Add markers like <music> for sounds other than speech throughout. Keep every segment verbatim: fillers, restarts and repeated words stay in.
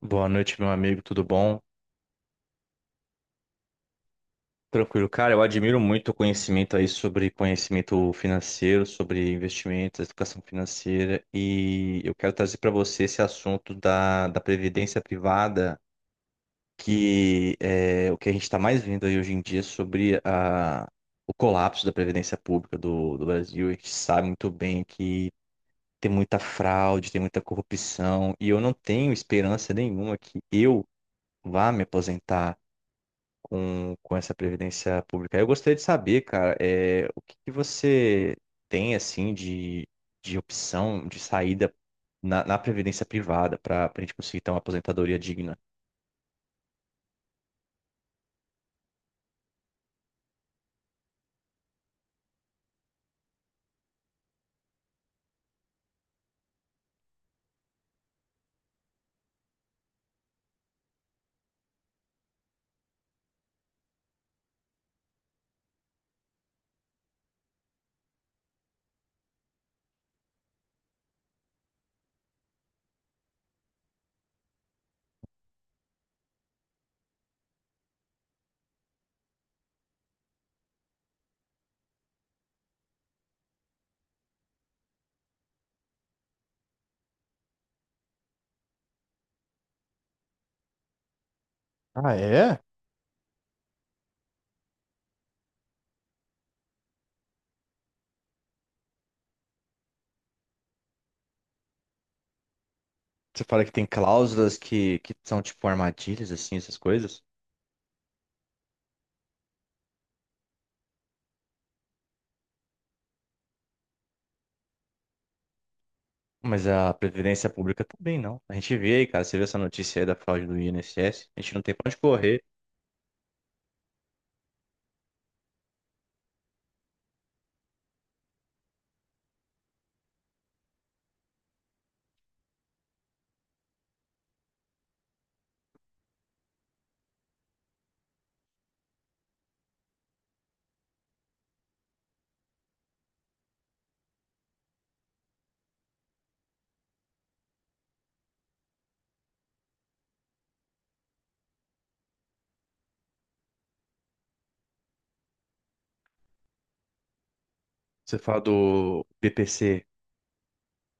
Boa noite, meu amigo, tudo bom? Tranquilo, cara, eu admiro muito o conhecimento aí sobre conhecimento financeiro, sobre investimentos, educação financeira, e eu quero trazer para você esse assunto da, da previdência privada, que é o que a gente está mais vendo aí hoje em dia sobre a, o colapso da previdência pública do, do Brasil. A gente sabe muito bem que tem muita fraude, tem muita corrupção, e eu não tenho esperança nenhuma que eu vá me aposentar. com, com essa previdência pública. Eu gostaria de saber, cara, é, o que que você tem assim de, de opção de saída na, na previdência privada para a gente conseguir ter uma aposentadoria digna? Ah, é? Você fala que tem cláusulas que, que são tipo armadilhas, assim, essas coisas, mas a previdência pública também não. A gente vê aí, cara, você vê essa notícia aí da fraude do I N S S, a gente não tem pra onde correr. Você fala do B P C,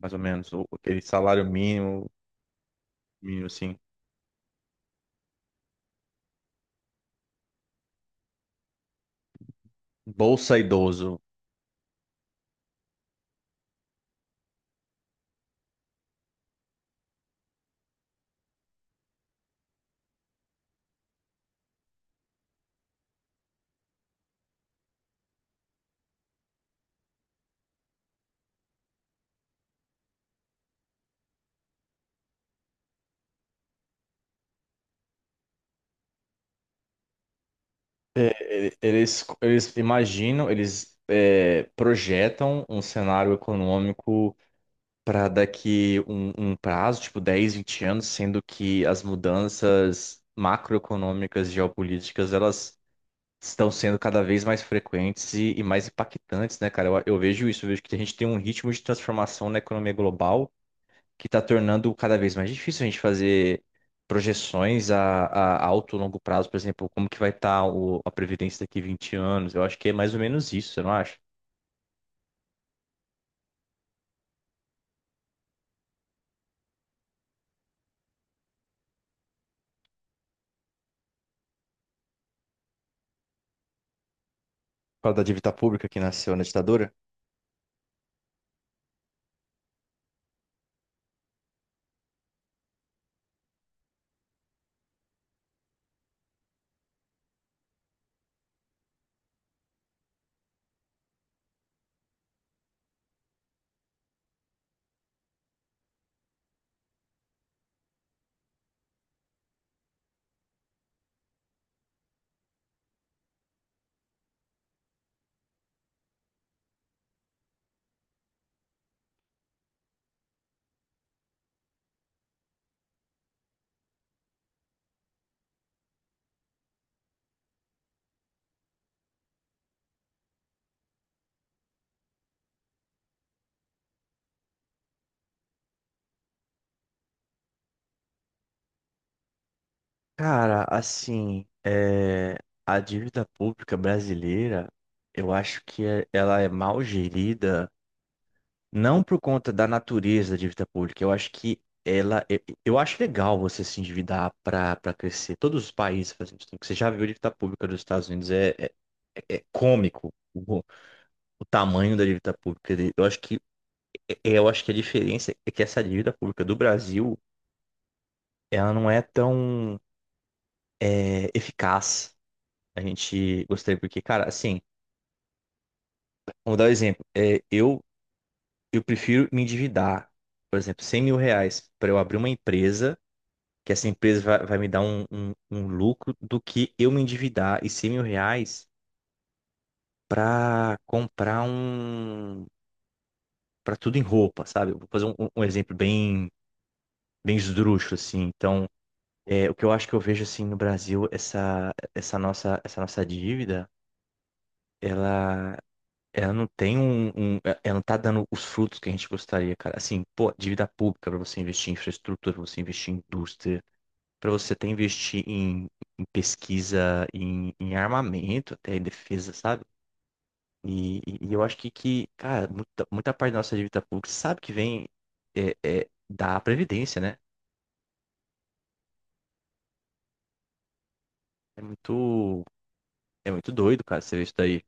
mais ou menos, o- aquele salário mínimo, mínimo assim. Bolsa idoso. É, e- Eles, eles imaginam, eles é, projetam um cenário econômico para daqui um, um prazo, tipo dez, vinte anos, sendo que as mudanças macroeconômicas geopolíticas, elas estão sendo cada vez mais frequentes e, e mais impactantes, né, cara? Eu, eu vejo isso, eu vejo que a gente tem um ritmo de transformação na economia global que está tornando cada vez mais difícil a gente fazer projeções a, a alto e longo prazo, por exemplo, como que vai estar a previdência daqui vinte anos. Eu acho que é mais ou menos isso, você não acha? Fala da dívida pública que nasceu na ditadura. Cara, assim, é, a dívida pública brasileira, eu acho que é- ela é mal gerida. Não por conta da natureza da dívida pública. Eu acho que ela. Eu eu acho legal você se endividar para para crescer. Todos os países fazem isso. Você já viu a dívida pública dos Estados Unidos? É, é, é é cômico o, o tamanho da dívida pública. dele. Eu acho que, é- é, eu acho que a diferença é que essa dívida pública do Brasil, ela não é tão é, eficaz. A gente gostaria, porque, cara, assim, vamos dar um exemplo. É, eu, eu prefiro me endividar, por exemplo, cem mil reais para eu abrir uma empresa que essa empresa vai, vai me dar um, um, um lucro do que eu me endividar e cem mil reais para comprar um. para tudo em roupa, sabe? Eu vou fazer um, um um exemplo bem, bem esdrúxulo, assim. Então, é, o que eu acho que eu vejo, assim, no Brasil, essa, essa nossa, essa nossa dívida. Ela. Ela não tem um, um- Ela não tá dando os frutos que a gente gostaria, cara. Assim, pô, dívida pública para você investir em infraestrutura, para você investir em indústria, para você até investir em, em pesquisa, em, em armamento, até em defesa, sabe? E, e- e eu acho que, que, cara, muita, muita parte da nossa dívida pública sabe que vem é, é, da previdência, né? É muito, é muito doido, cara, você ver isso daí.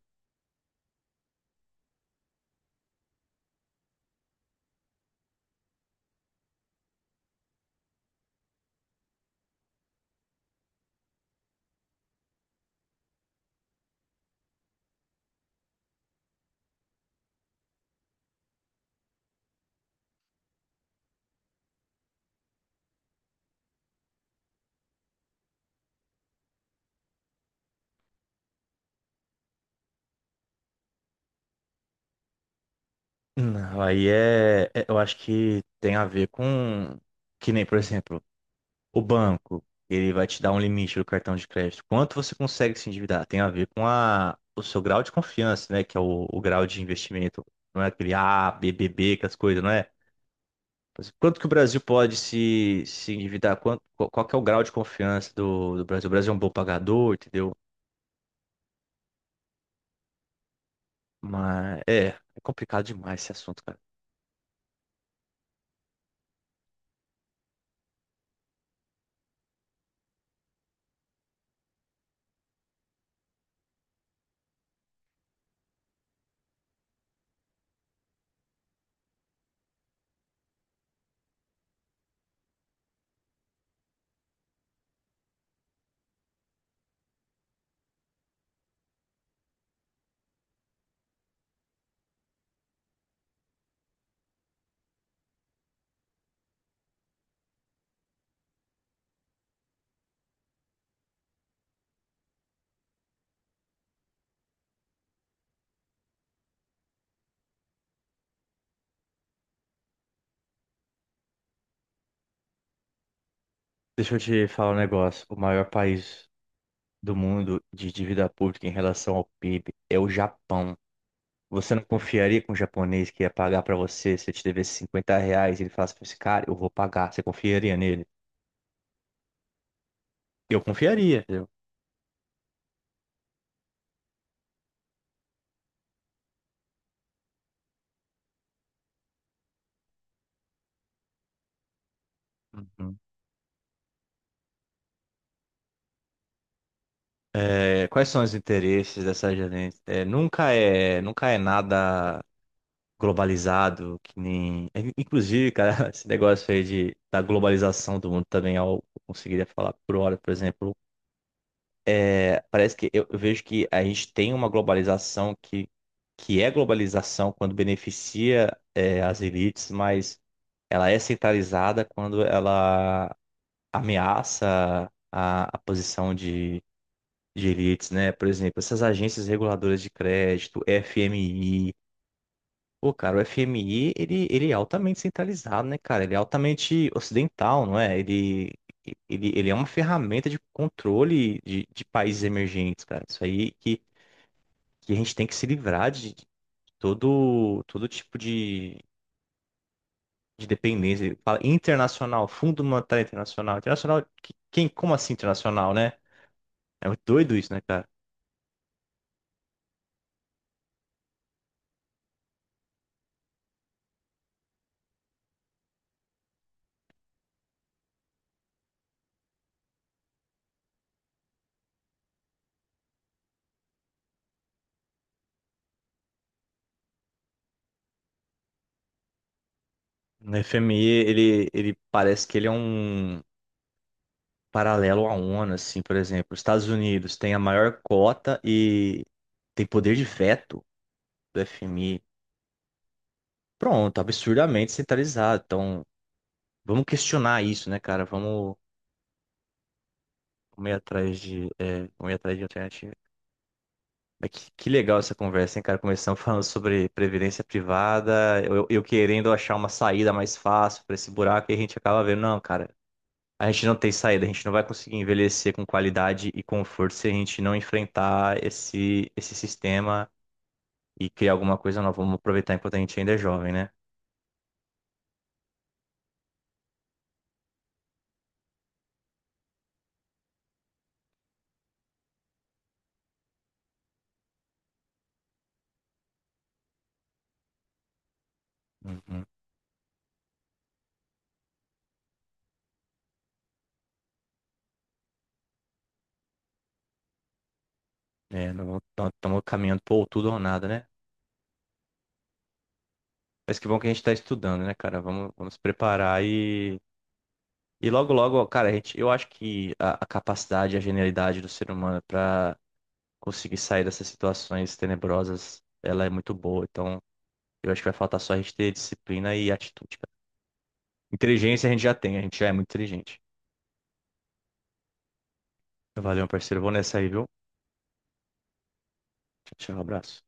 Não, aí é, é- eu acho que tem a ver com, que nem, por exemplo, o banco, ele vai te dar um limite do cartão de crédito. Quanto você consegue se endividar? Tem a ver com a, o seu grau de confiança, né? Que é o, o grau de investimento. Não é aquele A, B, B, B, que as coisas, não é? Mas quanto que o Brasil pode se, se endividar? Quanto, qual, qual que é o grau de confiança do, do Brasil? O Brasil é um bom pagador, entendeu? Mas é, é complicado demais esse assunto, cara. Deixa eu te falar um negócio. O maior país do mundo de dívida pública em relação ao PIB é o Japão. Você não confiaria com um japonês que ia pagar pra você se ele te devesse cinquenta reais e ele falasse pra esse cara, eu vou pagar. Você confiaria nele? Eu confiaria. entendeu? Uhum. É, quais são os interesses dessa gerente? É, nunca é, nunca é nada globalizado, que nem. é, Inclusive, cara, <laughs> esse negócio aí de, da globalização do mundo também, eu conseguiria falar por hora, por exemplo. É, parece que eu, eu vejo que a gente tem uma globalização que, que é globalização quando beneficia, é, as elites. Mas ela é centralizada quando ela ameaça a, a posição de, de elites, né? Por exemplo, essas agências reguladoras de crédito, F M I. Pô, cara, o F M I, ele, ele é altamente centralizado, né, cara? Ele é altamente ocidental, não é? Ele, ele, ele é uma ferramenta de controle de, de países emergentes, cara. Isso aí que, que a gente tem que se livrar de de todo, todo tipo de de dependência. Ele fala internacional, Fundo Monetário Internacional. Internacional, que- quem, como assim internacional, né? É muito doido isso, né, cara? No F M I, ele, ele parece que ele é um paralelo à ONU, assim, por exemplo. Os Estados Unidos tem a maior cota e tem poder de veto do F M I. Pronto, absurdamente centralizado. Então, vamos questionar isso, né, cara? Vamos, vamos ir atrás de, é, vamos ir atrás de alternativas. Mas que, que legal essa conversa, hein, cara? Começamos falando sobre previdência privada, eu, eu querendo achar uma saída mais fácil para esse buraco, e a gente acaba vendo, não, cara, a gente não tem saída, a gente não vai conseguir envelhecer com qualidade e conforto se a gente não enfrentar esse, esse sistema e criar alguma coisa nova. Vamos aproveitar enquanto a gente ainda é jovem, né? Uhum. É, não estamos caminhando por tudo ou nada, né? Mas que bom que a gente está estudando, né, cara? Vamos, vamos preparar. E logo, logo, cara, a gente, eu acho que a, a capacidade, a genialidade do ser humano pra conseguir sair dessas situações tenebrosas, ela é muito boa. Então, eu acho que vai faltar só a gente ter disciplina e atitude, cara. Inteligência a gente já tem, a gente já é muito inteligente. Valeu, meu parceiro. Vou nessa aí, viu? Tchau, tchau, abraço.